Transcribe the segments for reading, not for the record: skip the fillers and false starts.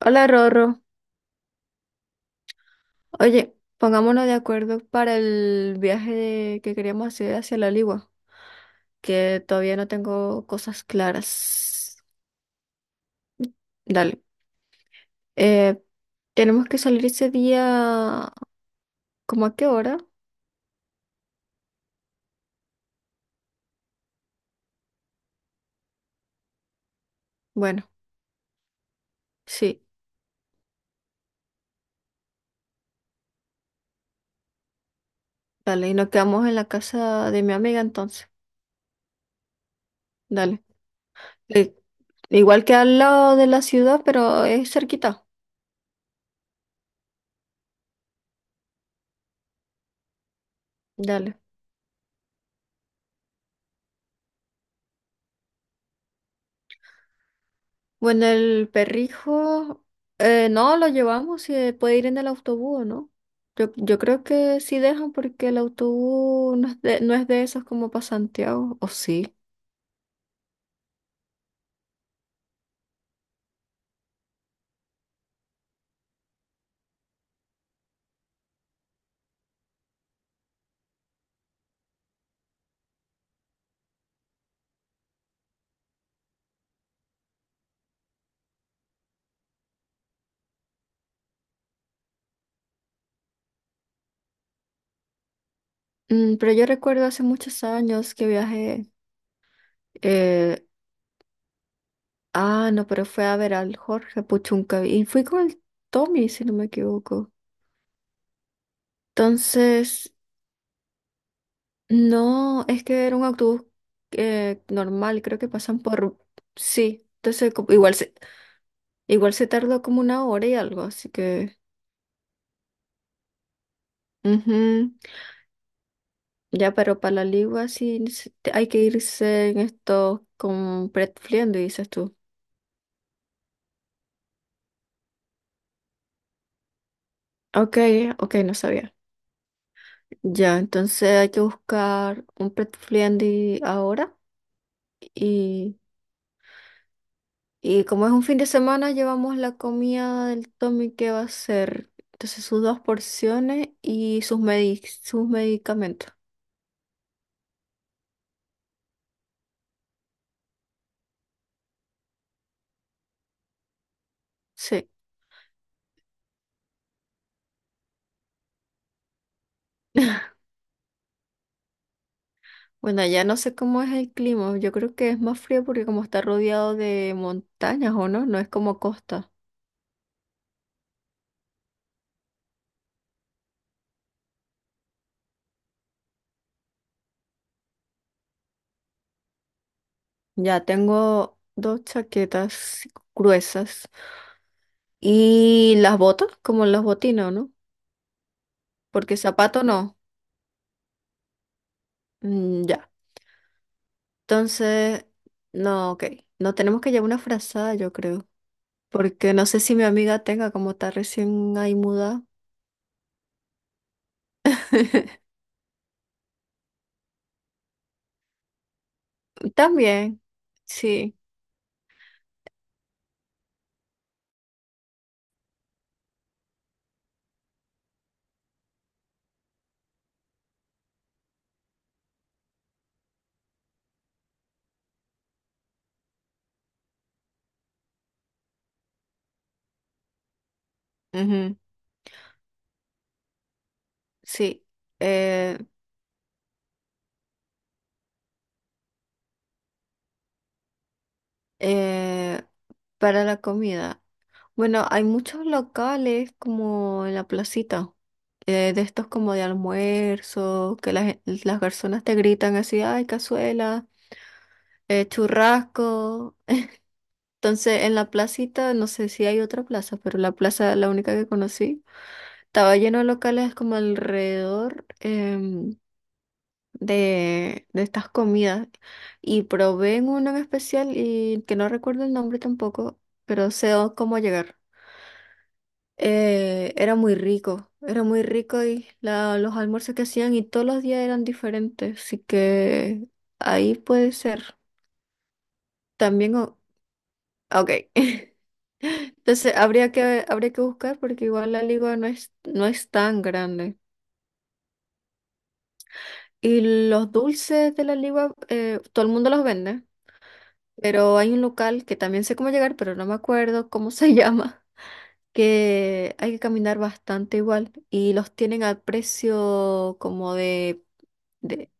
Hola Rorro. Oye, pongámonos de acuerdo para el viaje que queríamos hacer hacia la Ligua, que todavía no tengo cosas claras. Dale. Eh, tenemos que salir ese día, ¿cómo a qué hora? Bueno, sí, dale. Y nos quedamos en la casa de mi amiga entonces. Dale. Eh, igual que al lado de la ciudad, pero es cerquita. Dale. Bueno, el perrijo, no, lo llevamos, si puede ir en el autobús, ¿no? Yo creo que sí dejan porque el autobús no es no es de esos como para Santiago, o sí. Mm, pero yo recuerdo hace muchos años que viajé, eh, no, pero fue a ver al Jorge Puchunca y fui con el Tommy, si no me equivoco. Entonces, no, es que era un autobús normal, creo que pasan por, sí, entonces igual igual se tardó como una hora y algo, así que… ujú. Ya, pero para la ligua sí hay que irse en esto con pretfliendo, dices tú. Ok, ok, no sabía. Ya, entonces hay que buscar un pretfliendi ahora y, y como es un fin de semana llevamos la comida del Tommy que va a ser. Entonces sus dos porciones y sus sus medicamentos. Sí. Bueno, allá no sé cómo es el clima. Yo creo que es más frío porque como está rodeado de montañas, ¿o no? No es como costa. Ya tengo dos chaquetas gruesas y las botas, como los botines, ¿no? Porque zapato no. Mm, ya. Entonces, no, ok. No tenemos que llevar una frazada, yo creo. Porque no sé si mi amiga tenga, como está recién ahí mudada. También, sí. Ujú, sí. Eh, Eh, para la comida. Bueno, hay muchos locales como en la placita, de estos como de almuerzo, que las personas te gritan así, ay, cazuela, churrasco. Entonces, en la placita, no sé si hay otra plaza, pero la plaza, la única que conocí, estaba lleno de locales como alrededor, de estas comidas. Y probé en uno en especial y que no recuerdo el nombre tampoco, pero sé cómo llegar. Era muy rico y los almuerzos que hacían y todos los días eran diferentes, así que ahí puede ser. También, ok. Entonces habría que buscar porque igual la ligua no es tan grande. Y los dulces de la ligua, todo el mundo los vende, pero hay un local que también sé cómo llegar, pero no me acuerdo cómo se llama, que hay que caminar bastante igual y los tienen a precio como de… De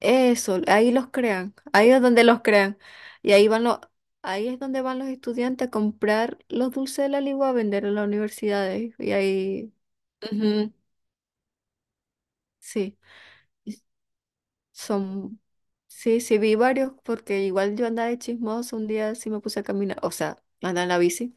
eso, ahí los crean, ahí es donde los crean. Y ahí es donde van los estudiantes a comprar los dulces de la Ligua a vender en las universidades. Y ahí, ujú, sí, y son, sí, sí, vi varios, porque igual yo andaba de chismoso un día, sí me puse a caminar, o sea, andaba en la bici.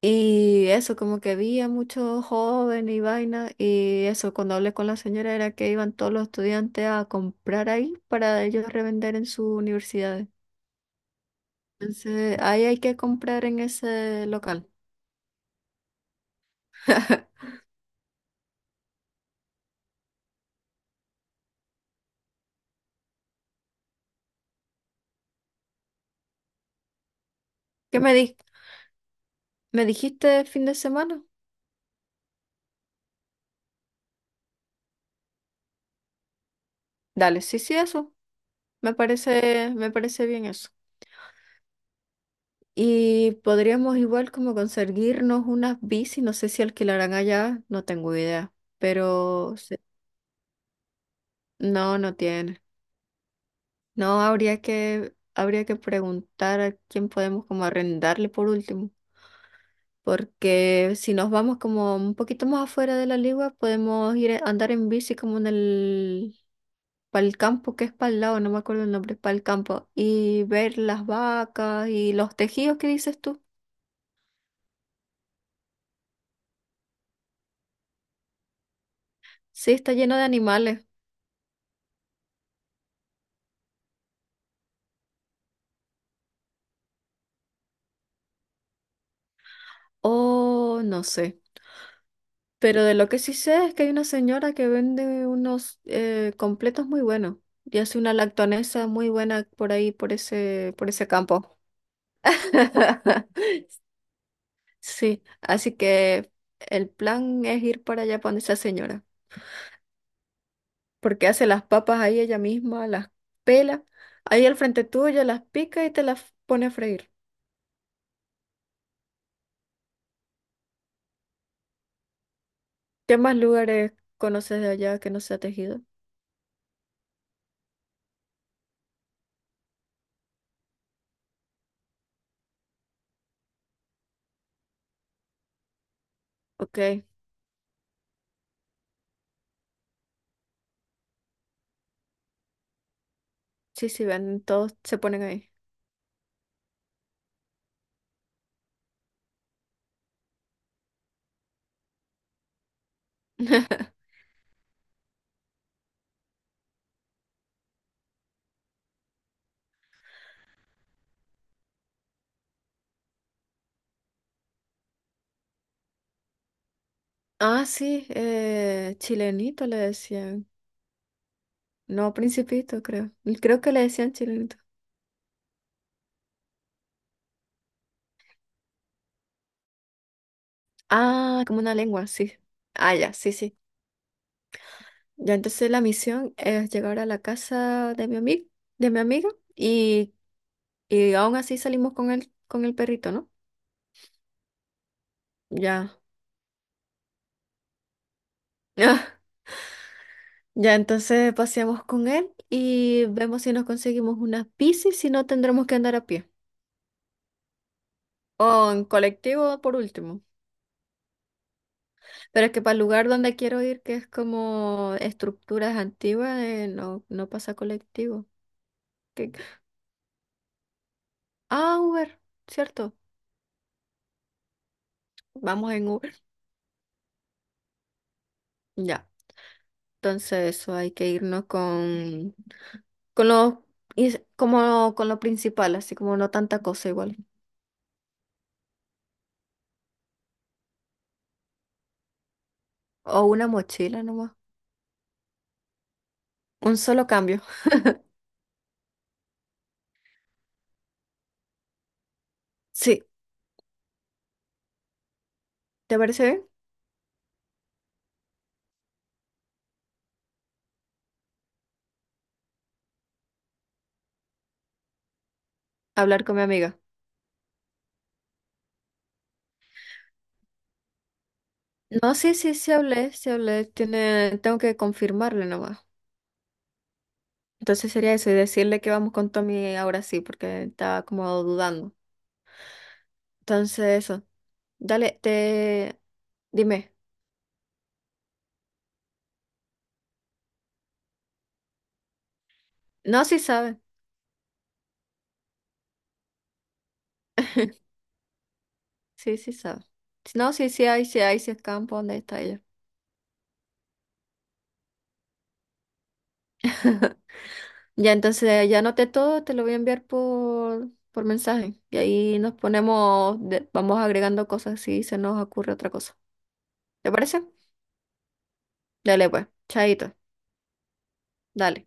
Y eso, como que vi a muchos jóvenes y vainas, y eso, cuando hablé con la señora era que iban todos los estudiantes a comprar ahí para ellos revender en sus universidades. Entonces, ahí hay que comprar en ese local. ¿Qué me dijiste fin de semana? Dale, sí, sí, eso. Me parece bien eso. Y podríamos igual como conseguirnos unas bici, no sé si alquilarán allá, no tengo idea, pero no, no tiene. No, habría que preguntar a quién podemos como arrendarle por último, porque si nos vamos como un poquito más afuera de la ligua, podemos ir a andar en bici como en el para el campo, que es para el lado, no me acuerdo el nombre, para el campo, y ver las vacas y los tejidos que dices tú. Sí, está lleno de animales. Oh, no sé. Pero de lo que sí sé es que hay una señora que vende unos completos muy buenos y hace una lactonesa muy buena por ahí, por ese campo. Sí, así que el plan es ir para allá para donde esa señora. Porque hace las papas ahí ella misma, las pela, ahí al frente tuyo, las pica y te las pone a freír. ¿Qué más lugares conoces de allá que no sea tejido? Ok, sí, sí, ven, todos se ponen ahí. Ah, sí, chilenito le decían. No, principito, creo. Creo que le decían chilenito. Ah, como una lengua, sí. Ah, ya, sí, sí. Ya entonces la misión es llegar a la casa de mi amigo, de mi amiga, y, y aún así salimos con el perrito, ¿no? Ya. Ah, ya, entonces paseamos con él y vemos si nos conseguimos una bici, si no tendremos que andar a pie. O en colectivo por último. Pero es que para el lugar donde quiero ir, que es como estructuras antiguas, no, no pasa colectivo. Qué? Ah, Uber, ¿cierto? Vamos en Uber. Ya, entonces eso hay que irnos con lo, como, con lo principal, así como no tanta cosa igual. O una mochila nomás. Un solo cambio. Sí, ¿te parece bien? Hablar con mi amiga. No, sí, sí, sí hablé, tiene, tengo que confirmarle nomás. Entonces sería eso y decirle que vamos con Tommy ahora sí, porque estaba como dudando. Entonces eso, dale, te, dime. No, sí sabe, sí, sí sabe. No, sí, sí hay, sí hay, sí es campo, ¿dónde está ella? Ya, entonces ya anoté todo, te lo voy a enviar por mensaje y ahí nos ponemos, vamos agregando cosas si se nos ocurre otra cosa. ¿Te parece? Dale pues, chaito, dale.